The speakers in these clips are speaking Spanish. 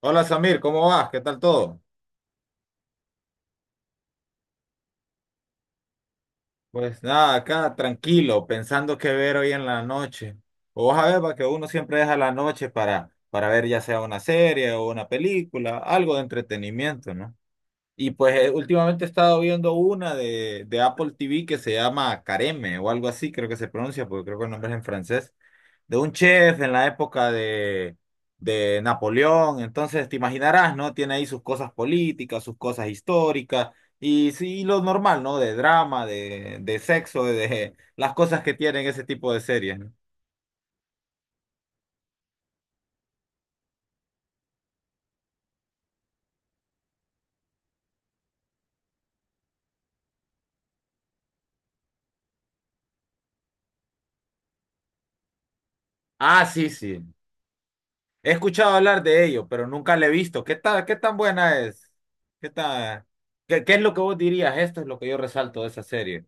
Hola Samir, ¿cómo vas? ¿Qué tal todo? Pues nada, acá tranquilo, pensando qué ver hoy en la noche. O vas a ver, va, que uno siempre deja la noche para ver ya sea una serie o una película, algo de entretenimiento, ¿no? Y pues últimamente he estado viendo una de Apple TV que se llama Careme o algo así, creo que se pronuncia, porque creo que el nombre es en francés. De un chef en la época de Napoleón. Entonces, te imaginarás, ¿no? Tiene ahí sus cosas políticas, sus cosas históricas y sí, lo normal, ¿no? De drama, de sexo, de las cosas que tienen ese tipo de series, ¿no? Ah, sí, sí. He escuchado hablar de ello, pero nunca la he visto. ¿Qué tal, qué tan buena es? ¿Qué tan, qué es lo que vos dirías? Esto es lo que yo resalto de esa serie.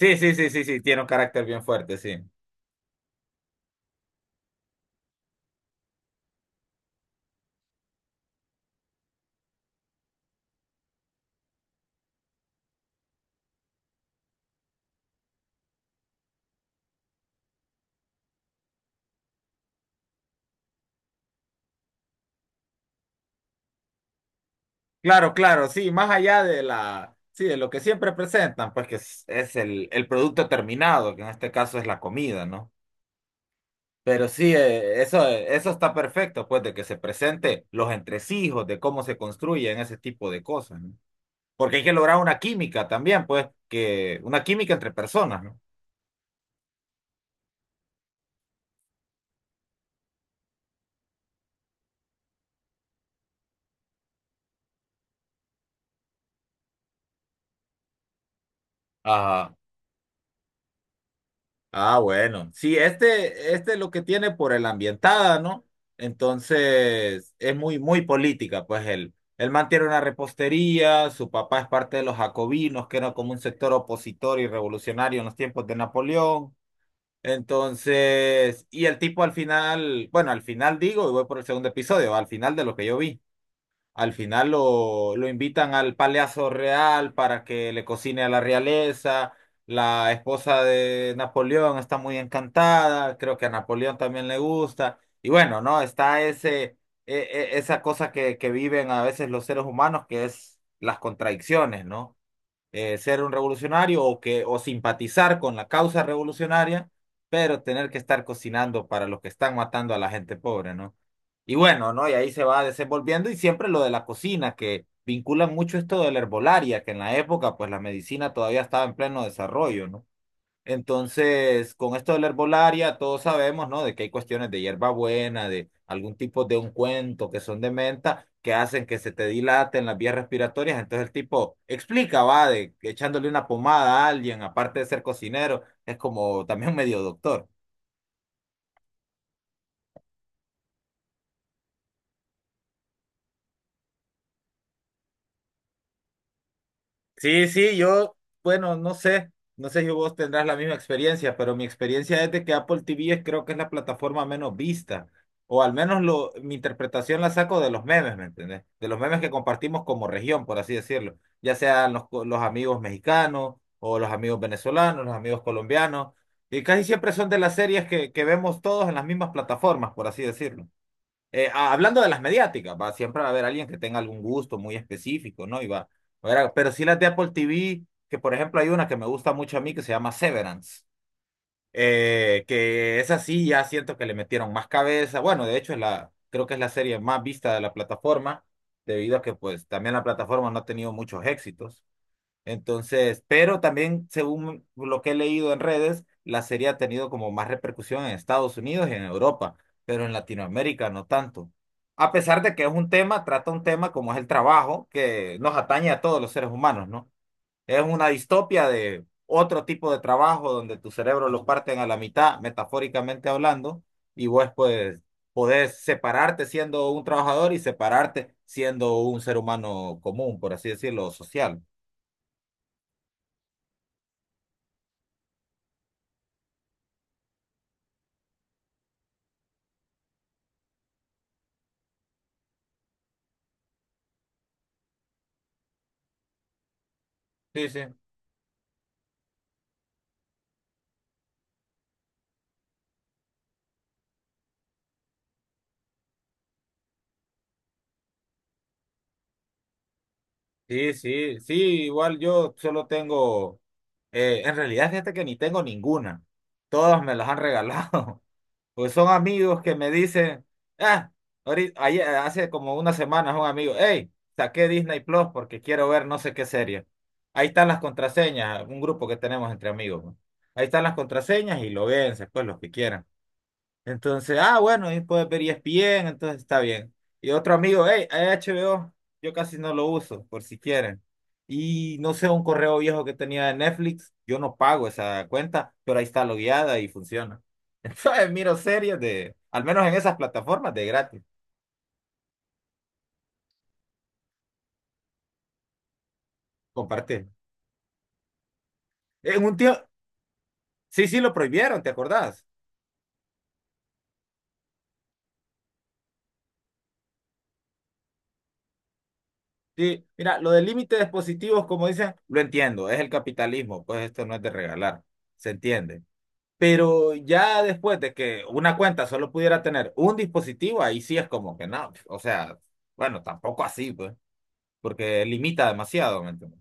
Sí, sí, sí, sí, sí, tiene un carácter bien fuerte, sí. Claro, claro, sí, más allá de la, sí, de lo que siempre presentan, pues que es el producto terminado, que en este caso es la comida, ¿no? Pero sí, eso está perfecto, pues, de que se presente los entresijos, de cómo se construyen ese tipo de cosas, ¿no? Porque hay que lograr una química también, pues, que, una química entre personas, ¿no? Ajá. Ah, bueno. Sí, este lo que tiene por el ambientada, ¿no? Entonces, es muy, muy política, pues él. Él mantiene una repostería, su papá es parte de los jacobinos, que era como un sector opositor y revolucionario en los tiempos de Napoleón. Entonces, y el tipo al final, bueno, al final digo, y voy por el segundo episodio, al final de lo que yo vi. Al final lo invitan al Palacio Real para que le cocine a la realeza. La esposa de Napoleón está muy encantada, creo que a Napoleón también le gusta. Y bueno, ¿no? Está esa cosa que viven a veces los seres humanos, que es las contradicciones, ¿no? Ser un revolucionario o simpatizar con la causa revolucionaria, pero tener que estar cocinando para los que están matando a la gente pobre, ¿no? Y bueno, ¿no? Y ahí se va desenvolviendo y siempre lo de la cocina, que vinculan mucho esto de la herbolaria, que en la época pues la medicina todavía estaba en pleno desarrollo, ¿no? Entonces, con esto de la herbolaria, todos sabemos, ¿no? De que hay cuestiones de hierbabuena, de algún tipo de ungüento que son de menta, que hacen que se te dilaten las vías respiratorias. Entonces el tipo explica, va, de que echándole una pomada a alguien, aparte de ser cocinero, es como también medio doctor. Sí, sí, yo, bueno, no sé si vos tendrás la misma experiencia, pero mi experiencia es de que Apple TV creo que es la plataforma menos vista, o al menos mi interpretación la saco de los memes, ¿me entendés? De los memes que compartimos como región, por así decirlo, ya sean los amigos mexicanos o los amigos venezolanos, los amigos colombianos, y casi siempre son de las series que vemos todos en las mismas plataformas, por así decirlo. Hablando de las mediáticas, va, siempre va a haber alguien que tenga algún gusto muy específico, ¿no? Y pero sí las de Apple TV, que por ejemplo hay una que me gusta mucho a mí que se llama Severance, que es así, ya siento que le metieron más cabeza. Bueno, de hecho es la, creo que es la serie más vista de la plataforma, debido a que pues también la plataforma no ha tenido muchos éxitos. Entonces, pero también, según lo que he leído en redes, la serie ha tenido como más repercusión en Estados Unidos y en Europa, pero en Latinoamérica no tanto. A pesar de que es un tema, trata un tema como es el trabajo, que nos atañe a todos los seres humanos, ¿no? Es una distopia de otro tipo de trabajo donde tu cerebro lo parten a la mitad, metafóricamente hablando, y vos pues podés separarte siendo un trabajador y separarte siendo un ser humano común, por así decirlo, social. Sí, sí. Sí, sí, sí, igual en realidad fíjate que ni tengo ninguna, todas me las han regalado, pues son amigos que me dicen, ah, ahorita, ayer, hace como unas semanas un amigo, hey, saqué Disney Plus porque quiero ver no sé qué serie, ahí están las contraseñas, un grupo que tenemos entre amigos, ¿no? Ahí están las contraseñas y lo ven, pues los que quieran. Entonces, ah, bueno, y puedes ver ESPN, entonces está bien. Y otro amigo, hey, HBO, yo casi no lo uso, por si quieren. Y no sé, un correo viejo que tenía de Netflix, yo no pago esa cuenta, pero ahí está logueada y funciona. Entonces, miro series de, al menos en esas plataformas, de gratis, compartir. En un tío, sí, sí, lo prohibieron, ¿te acordás? Sí, mira, lo del límite de dispositivos, como dicen, lo entiendo, es el capitalismo, pues esto no es de regalar, se entiende. Pero ya después de que una cuenta solo pudiera tener un dispositivo, ahí sí es como que no, o sea, bueno, tampoco así, pues, porque limita demasiado, ¿me entiendes?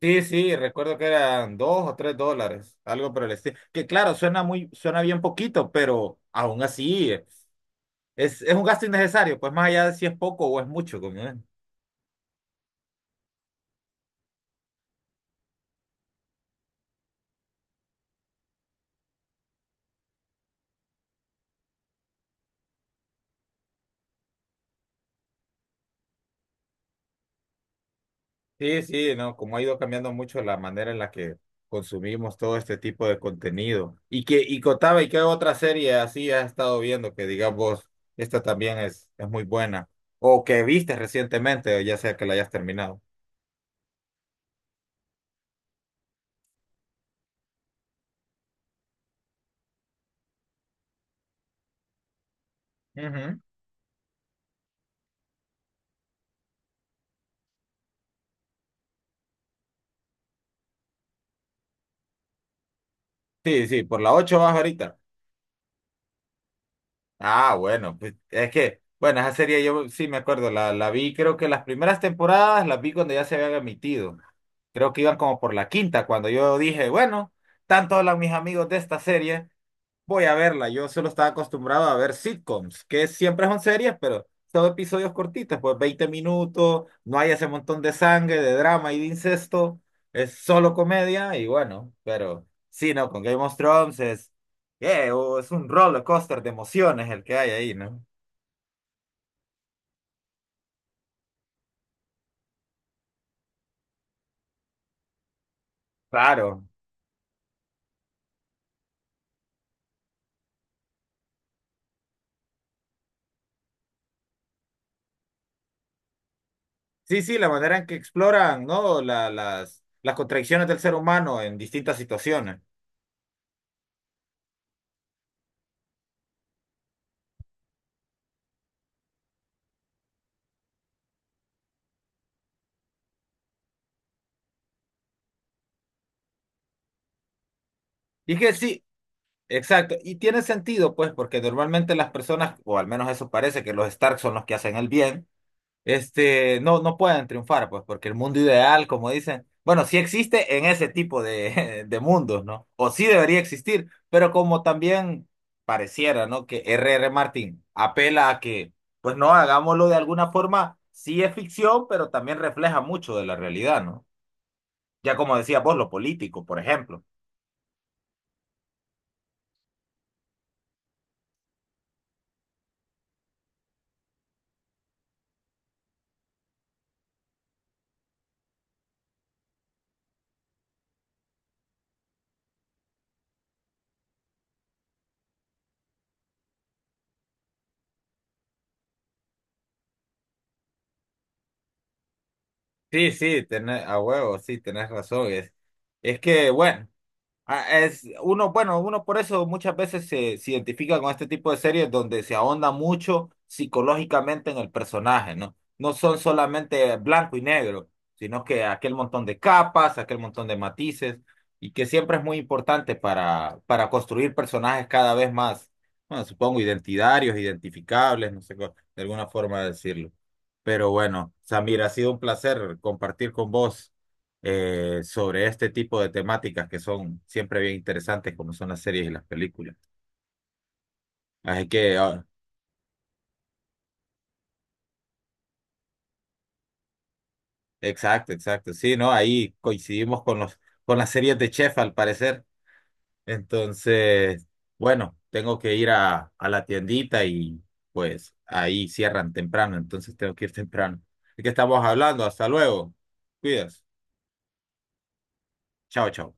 Sí, sí, recuerdo que eran dos o tres dólares, algo por el estilo. Que claro, suena muy, suena bien poquito, pero aún así es un gasto innecesario, pues más allá de si es poco o es mucho, como es. Sí, sí, no, como ha ido cambiando mucho la manera en la que consumimos todo este tipo de contenido. Y que, y contaba, ¿y qué otra serie así has estado viendo que digas vos, esta también es muy buena? O que viste recientemente, ya sea que la hayas terminado. Ujú. Sí, sí, por la 8 vas ahorita. Ah, bueno, pues es que, bueno, esa serie yo sí me acuerdo, la vi, creo que las primeras temporadas las vi cuando ya se habían emitido. Creo que iban como por la quinta, cuando yo dije, bueno, tanto hablan mis amigos de esta serie. Voy a verla. Yo solo estaba acostumbrado a ver sitcoms, que siempre son series, pero son episodios cortitos, pues 20 minutos, no hay ese montón de sangre, de drama y de incesto, es solo comedia y bueno, pero sí, no, con Game of Thrones es, es un roller coaster de emociones el que hay ahí, ¿no? Claro. Sí, sí, la manera en que exploran, ¿no? Las contradicciones del ser humano en distintas situaciones. Y es que sí, exacto, y tiene sentido, pues, porque normalmente las personas, o al menos eso parece que los Stark son los que hacen el bien, este, no, no pueden triunfar, pues, porque el mundo ideal, como dicen, bueno, sí existe en ese tipo de, de mundos, ¿no? O sí debería existir, pero como también pareciera, ¿no? Que R. R. Martin apela a que, pues, no, hagámoslo de alguna forma, sí es ficción, pero también refleja mucho de la realidad, ¿no? Ya como decía vos, lo político, por ejemplo. Sí, sí, tenés, a huevo, sí, tenés razón. Es que, bueno. Ah, es uno, bueno, uno por eso muchas veces se identifica con este tipo de series donde se ahonda mucho psicológicamente en el personaje, ¿no? No son solamente blanco y negro, sino que aquel montón de capas, aquel montón de matices, y que siempre es muy importante para construir personajes cada vez más, bueno, supongo, identitarios, identificables, no sé, cómo- de alguna forma decirlo. Pero bueno, Samir, ha sido un placer compartir con vos sobre este tipo de temáticas que son siempre bien interesantes, como son las series y las películas. Así que, ah, exacto, exacto. Sí, ¿no? Ahí coincidimos con los, con las series de Chef, al parecer. Entonces, bueno, tengo que ir a la tiendita y pues ahí cierran temprano, entonces tengo que ir temprano. ¿De qué estamos hablando? Hasta luego. Cuidas. Chao, chao.